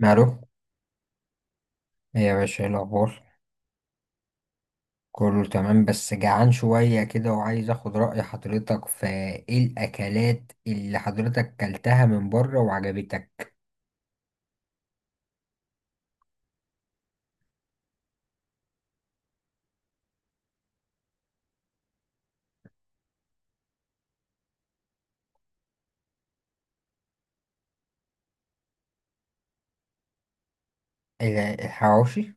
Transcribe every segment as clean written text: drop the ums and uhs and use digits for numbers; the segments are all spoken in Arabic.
مالو؟ ايه يا باشا، ايه الاخبار؟ كله تمام، بس جعان شوية كده وعايز اخد رأي حضرتك في ايه الاكلات اللي حضرتك كلتها من بره وعجبتك. ال- الحواوشي.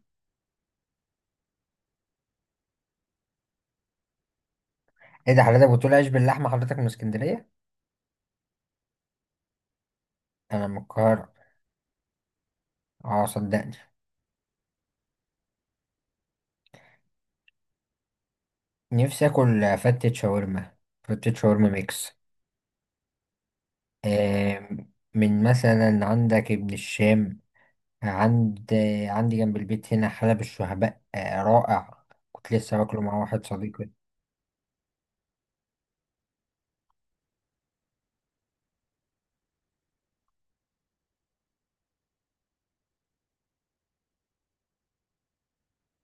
ايه ده؟ حضرتك بتقول عيش باللحمة، حضرتك من اسكندرية؟ انا من القاهرة. اه صدقني، نفسي اكل فتة شاورما، فتة شاورما ميكس. من مثلا عندك ابن الشام، عند عندي جنب البيت هنا حلب الشهباء، رائع. كنت لسه باكله مع واحد صديقي.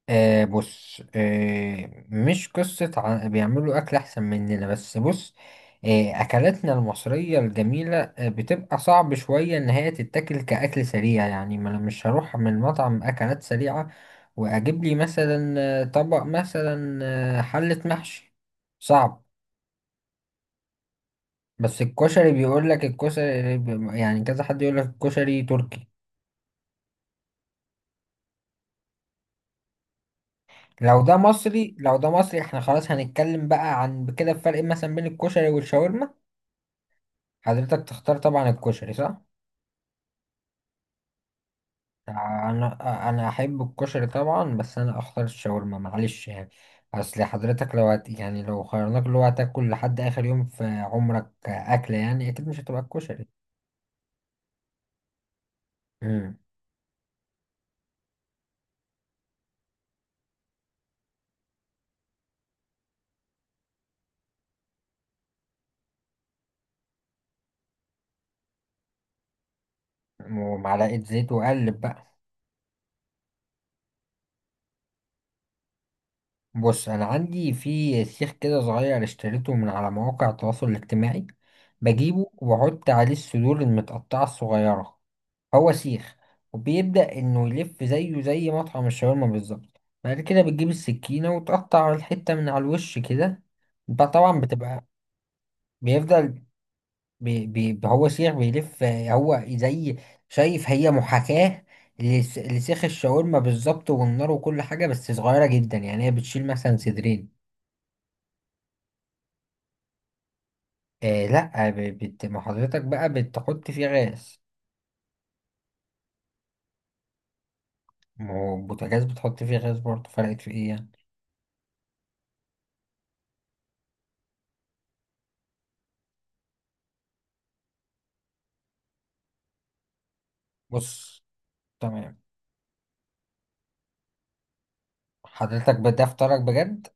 آه بص، آه مش قصة بيعملوا أكل أحسن مننا، بس بص. آه، أكلاتنا المصرية الجميلة آه بتبقى صعب شوية إن هي تتاكل كأكل سريع، يعني ما أنا مش هروح من مطعم أكلات سريعة وأجيب لي مثلا طبق مثلا، حلة محشي، صعب. بس الكشري، بيقول لك الكشري يعني كذا حد يقول لك الكشري تركي. لو ده مصري، لو ده مصري احنا خلاص هنتكلم بقى عن كده الفرق مثلا بين الكشري والشاورما. حضرتك تختار طبعا الكشري، صح؟ انا احب الكشري طبعا، بس انا اختار الشاورما، معلش يعني. اصل حضرتك لو هت يعني لو خيرناك اللي هو هتاكل لحد اخر يوم في عمرك اكله، يعني اكيد مش هتبقى الكشري. امم ومعلقه زيت وقلب بقى. بص، انا عندي في سيخ كده صغير اشتريته من على مواقع التواصل الاجتماعي، بجيبه واحط عليه الصدور المتقطعه الصغيره. هو سيخ وبيبدأ إنه يلف زيه زي مطعم الشاورما بالظبط، بعد كده بتجيب السكينة وتقطع الحتة من على الوش كده. بقى طبعا بتبقى بيفضل. بي هو سيخ بيلف هو زي، شايف، هي محاكاة لسيخ الشاورما بالظبط، والنار وكل حاجة، بس صغيرة جدا، يعني هي بتشيل مثلا صدرين. آه لا، ب- بت ما حضرتك بقى بتحط فيه غاز. ما هو البوتاجاز بتحط فيه غاز برضه، فرقت في ايه يعني؟ بص، تمام. حضرتك بده فطارك بجد.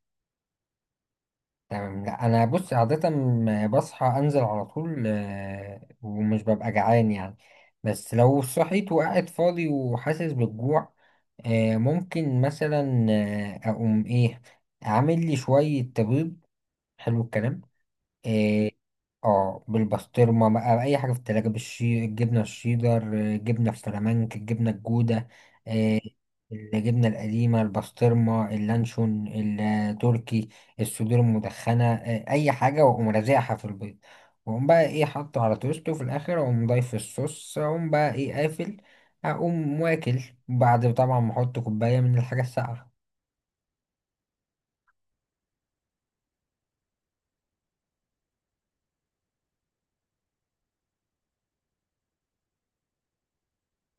تمام، لا انا بص عادة بصحى انزل على طول، ومش ببقى جعان يعني. بس لو صحيت وقاعد فاضي وحاسس بالجوع، ممكن مثلا اقوم ايه، اعمل لي شوية بيض. حلو الكلام. آه، اه، بالبسطرمة بقى، أي حاجة في التلاجة، بالشي الجبنة الشيدر، جبنة السلامانك، الجبنة الجودة، آه، الجبنة القديمة، البسطرمة، اللانشون التركي، الصدور المدخنة، أي حاجة، وأقوم رازعها في البيض. وأقوم بقى إيه، حاطه على توست، وفي الآخر أقوم ضايف الصوص، أقوم بقى إيه، قافل. أقوم واكل، بعد طبعا ما أحط كوباية من الحاجة الساقعة.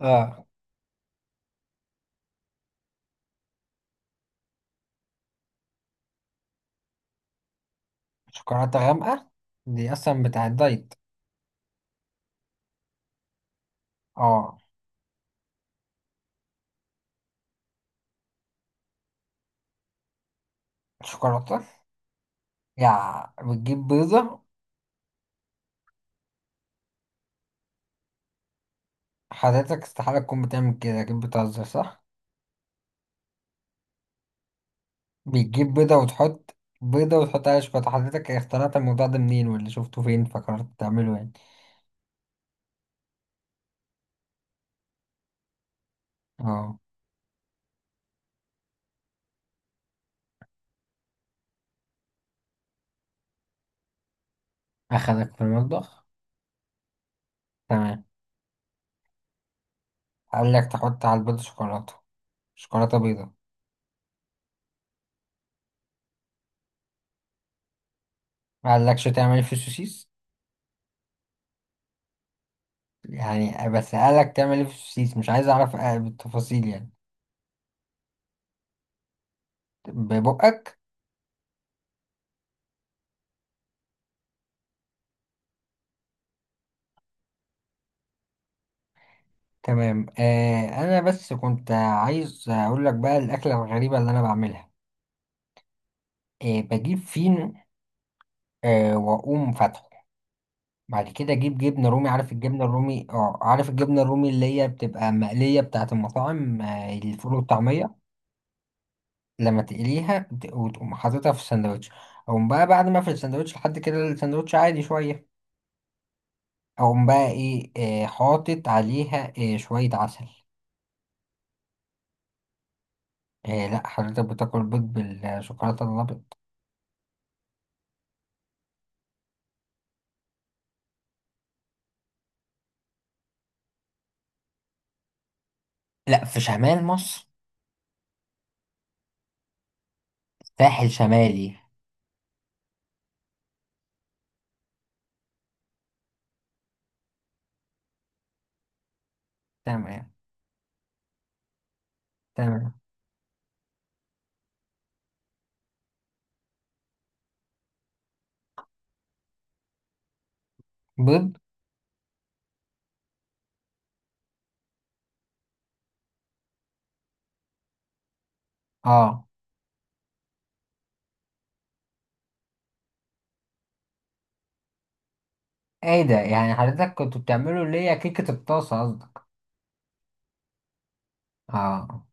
اه، شوكولاتة غامقة، دي أصلا بتاع الدايت. اه شوكولاتة، يا بتجيب بيضة؟ حضرتك استحالة تكون بتعمل كده، أكيد بتهزر، صح؟ بتجيب بيضة وتحط، بيضة وتحط عليها شوكولاتة؟ حضرتك اخترعت الموضوع ده منين؟ واللي شفته فين فكرت تعمله يعني؟ اه، أخدك في المطبخ، تمام. قال لك تحط على البيضة شوكولاتة، شوكولاتة بيضة؟ ما قالكش تعمل ايه في السوسيس؟ يعني بس قالك تعمل ايه في السوسيس، مش عايز أعرف بالتفاصيل يعني. ببقك. تمام. آه أنا بس كنت عايز أقول لك بقى الأكلة الغريبة اللي أنا بعملها. إيه، بجيب فين، آه واقوم فاتحه، بعد كده اجيب جبنه رومي، عارف الجبنه الرومي، اه عارف الجبنه الرومي اللي هي بتبقى مقليه بتاعه المطاعم آه الفول والطعميه. لما تقليها وتقوم حاططها في الساندوتش، اقوم بقى بعد ما في الساندوتش لحد كده الساندوتش عادي شويه، اقوم بقى ايه، آه حاطط عليها آه شويه عسل. آه لا، حضرتك بتاكل بيض بالشوكولاته الابيض. لا، في شمال مصر، ساحل شمالي. تمام، تمام. بيض، اه. ايه ده؟ يعني حضرتك كنتوا بتعملوا اللي هي كيكة الطاسة قصدك؟ اه.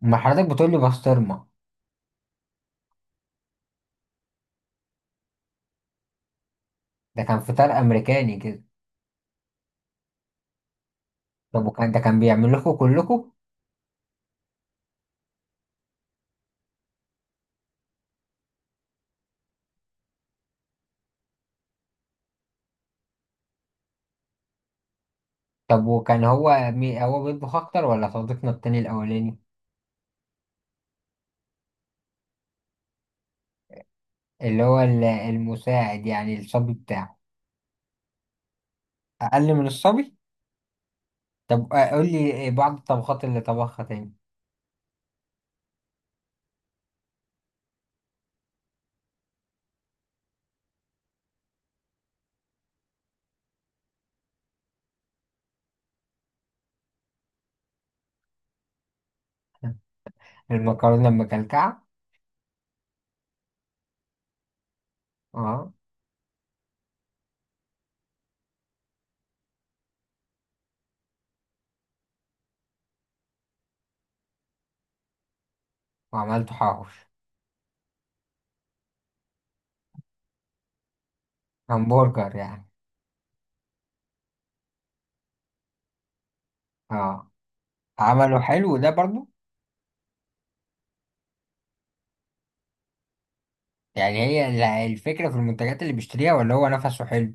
ما حضرتك بتقولي بسطرمة، ده كان فطار امريكاني كده. طب وكان ده كان بيعمل لكم كلكم؟ طب وكان هو مي، هو بيطبخ اكتر ولا صديقنا التاني الاولاني؟ اللي هو المساعد يعني، الصبي بتاعه. اقل من الصبي. طب قول لي إيه بعض الطبخات اللي طبخها تاني. المكرونة المكلكعة. اه. وعملت حواوش. همبرجر يعني. اه، عمله حلو ده برضو؟ يعني هي الفكرة في المنتجات اللي بيشتريها ولا هو نفسه حلو؟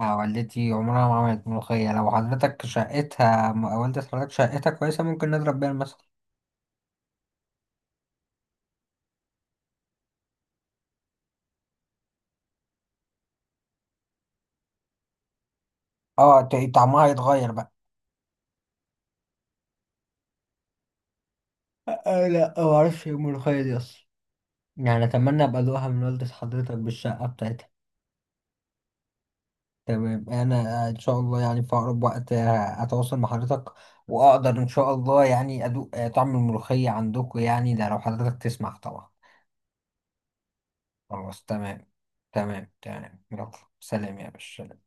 آه، والدتي عمرها ما عملت ملوخية، لو حضرتك شقتها والدة حضرتك شقتها كويسة، ممكن نضرب بيها المثل. اه طعمها هيتغير بقى. آه لا، ما اعرفش ايه الملوخية دي اصلا، يعني اتمنى ابقى ادوقها من والدة حضرتك بالشقة بتاعتها. تمام، انا ان شاء الله يعني في اقرب وقت اتواصل مع حضرتك واقدر ان شاء الله يعني ادوق طعم الملوخية عندكم، يعني ده لو حضرتك تسمح طبعا. خلاص تمام. تمام، يلا. سلام يا باشا.